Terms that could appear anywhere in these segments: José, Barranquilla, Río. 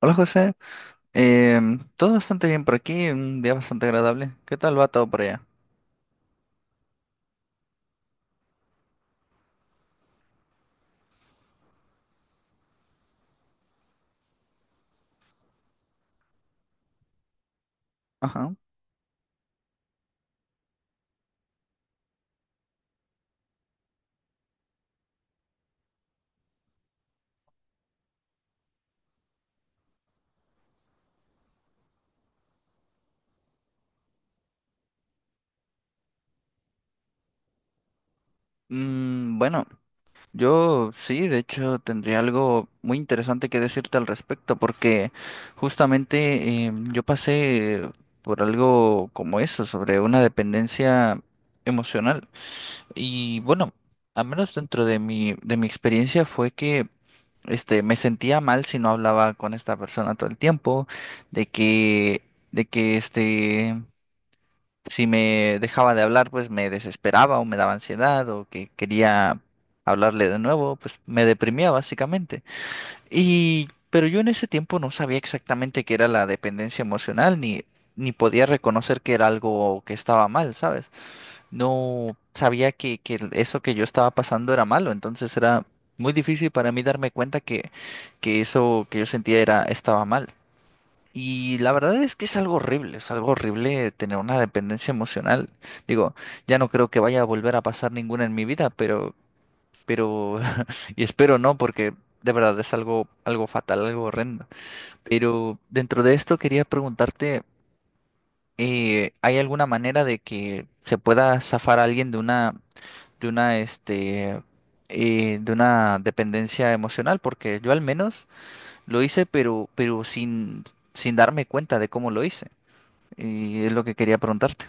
Hola José. Todo bastante bien por aquí, un día bastante agradable. ¿Qué tal va todo por allá? Ajá. Mm, bueno, yo sí, de hecho tendría algo muy interesante que decirte al respecto porque justamente yo pasé por algo como eso, sobre una dependencia emocional. Y bueno, al menos dentro de mi experiencia fue que me sentía mal si no hablaba con esta persona todo el tiempo, de que, de que este, si me dejaba de hablar, pues me desesperaba o me daba ansiedad o que quería hablarle de nuevo, pues me deprimía básicamente. Y, pero yo en ese tiempo no sabía exactamente qué era la dependencia emocional, ni podía reconocer que era algo que estaba mal, ¿sabes? No sabía que eso que yo estaba pasando era malo, entonces era muy difícil para mí darme cuenta que eso que yo sentía era, estaba mal. Y la verdad es que es algo horrible tener una dependencia emocional. Digo, ya no creo que vaya a volver a pasar ninguna en mi vida, pero, y espero no, porque de verdad es algo, algo fatal, algo horrendo. Pero dentro de esto quería preguntarte, ¿hay alguna manera de que se pueda zafar a alguien de de una, este, de una dependencia emocional, porque yo al menos lo hice, pero sin darme cuenta de cómo lo hice. Y es lo que quería preguntarte.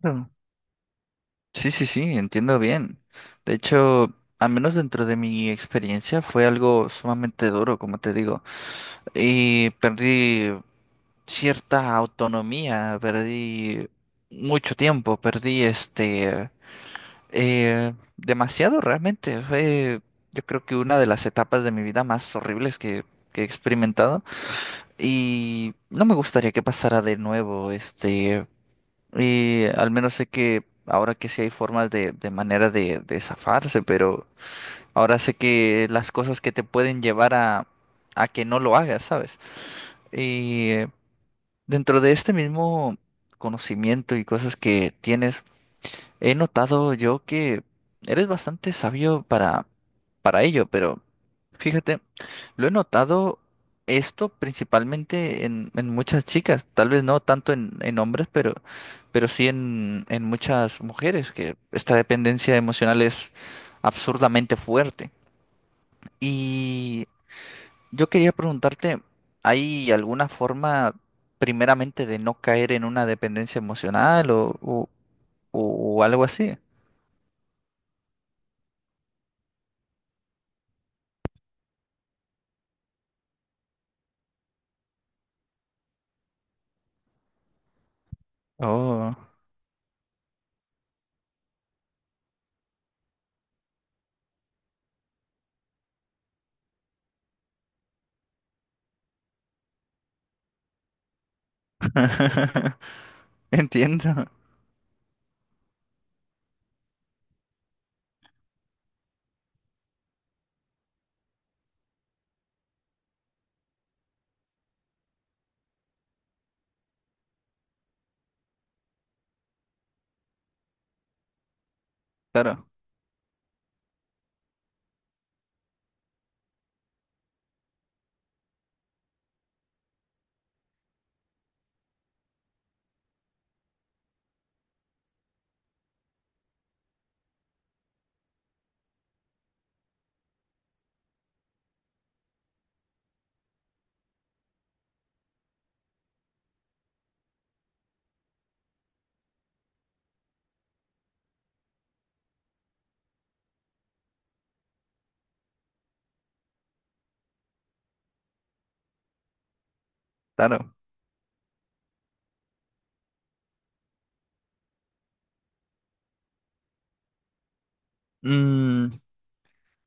Claro. Sí, entiendo bien. De hecho, al menos dentro de mi experiencia fue algo sumamente duro, como te digo. Y perdí cierta autonomía, perdí mucho tiempo, perdí demasiado realmente. Fue, yo creo que una de las etapas de mi vida más horribles que he experimentado. Y no me gustaría que pasara de nuevo. Y al menos sé que ahora que sí hay formas de zafarse, pero ahora sé que las cosas que te pueden llevar a que no lo hagas, ¿sabes? Y eh, dentro de este mismo conocimiento y cosas que tienes he notado yo que eres bastante sabio para ello, pero fíjate, lo he notado esto principalmente en muchas chicas, tal vez no tanto en hombres, pero sí en muchas mujeres, que esta dependencia emocional es absurdamente fuerte. Y yo quería preguntarte, ¿hay alguna forma primeramente de no caer en una dependencia emocional o algo así? Oh. Entiendo. Claro, claro. Mm,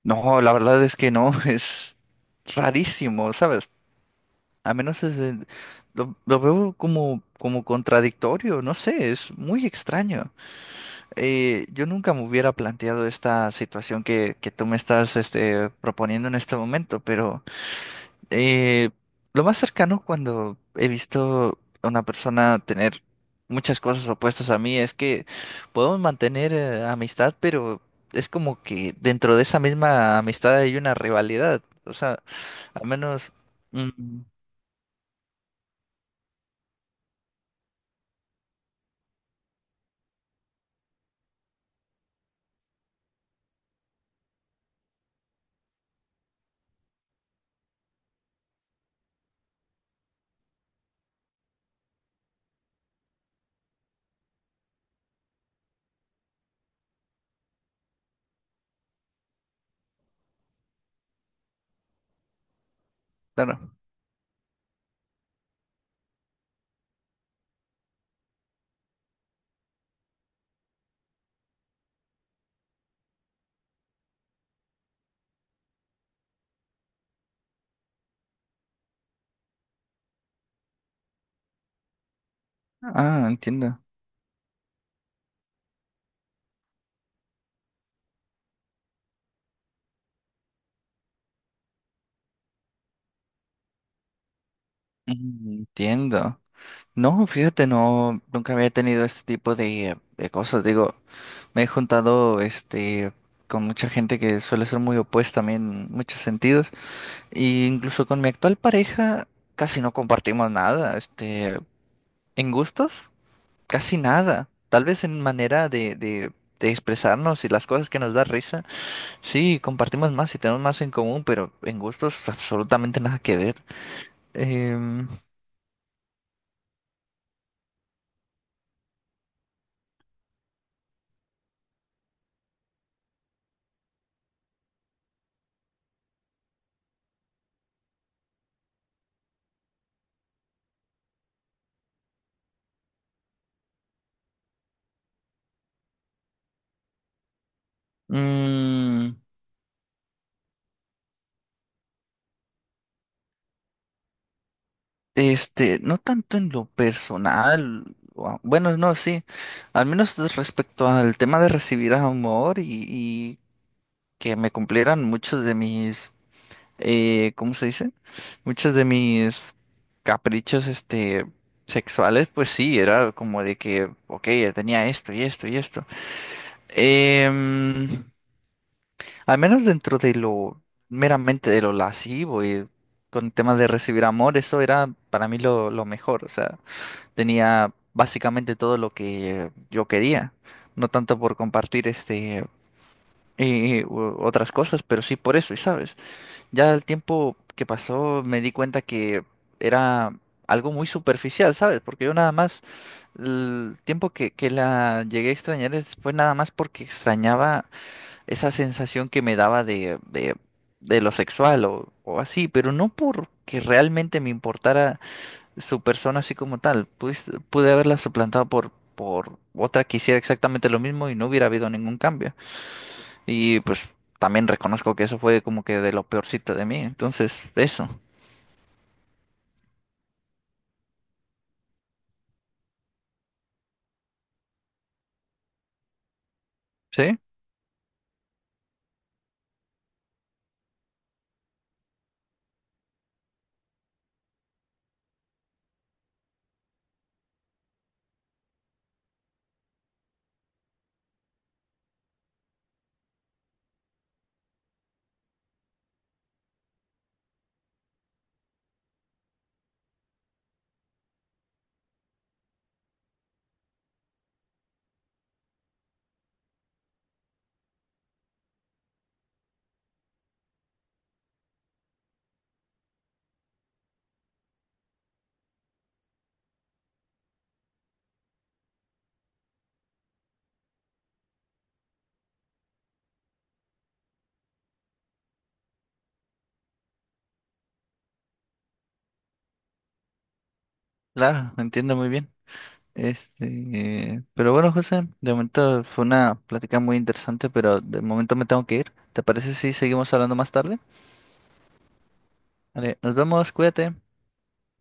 no, la verdad es que no, es rarísimo, ¿sabes? A menos es lo veo como, como contradictorio, no sé, es muy extraño. Yo nunca me hubiera planteado esta situación que tú me estás proponiendo en este momento, pero... Eh, lo más cercano cuando he visto a una persona tener muchas cosas opuestas a mí es que podemos mantener amistad, pero es como que dentro de esa misma amistad hay una rivalidad. O sea, al menos... Mm, claro. Ah, entiendo. Mm, entiendo. No, fíjate, no, nunca había tenido este tipo de cosas. Digo, me he juntado con mucha gente que suele ser muy opuesta a mí en muchos sentidos. Y incluso con mi actual pareja casi no compartimos nada, en gustos, casi nada. Tal vez en manera de expresarnos y las cosas que nos da risa, sí, compartimos más y tenemos más en común, pero en gustos absolutamente nada que ver. Em, mm, no tanto en lo personal, o a- bueno, no, sí, al menos respecto al tema de recibir amor y que me cumplieran muchos de mis ¿cómo se dice? Muchos de mis caprichos, sexuales, pues sí, era como de que, ok, ya tenía esto y esto y esto. Em, Al menos dentro de lo meramente de lo lascivo y con temas de recibir amor, eso era para mí lo mejor. O sea, tenía básicamente todo lo que yo quería. No tanto por compartir y otras cosas, pero sí por eso, y sabes. Ya el tiempo que pasó me di cuenta que era algo muy superficial, ¿sabes? Porque yo nada más, el tiempo que la llegué a extrañar fue nada más porque extrañaba esa sensación que me daba de lo sexual o así, pero no porque realmente me importara su persona así como tal. Pues, pude haberla suplantado por otra que hiciera exactamente lo mismo y no hubiera habido ningún cambio. Y pues también reconozco que eso fue como que de lo peorcito de mí. Entonces, eso. Sí, claro, entiendo muy bien. Pero bueno, José, de momento fue una plática muy interesante, pero de momento me tengo que ir. ¿Te parece si seguimos hablando más tarde? Vale, nos vemos, cuídate.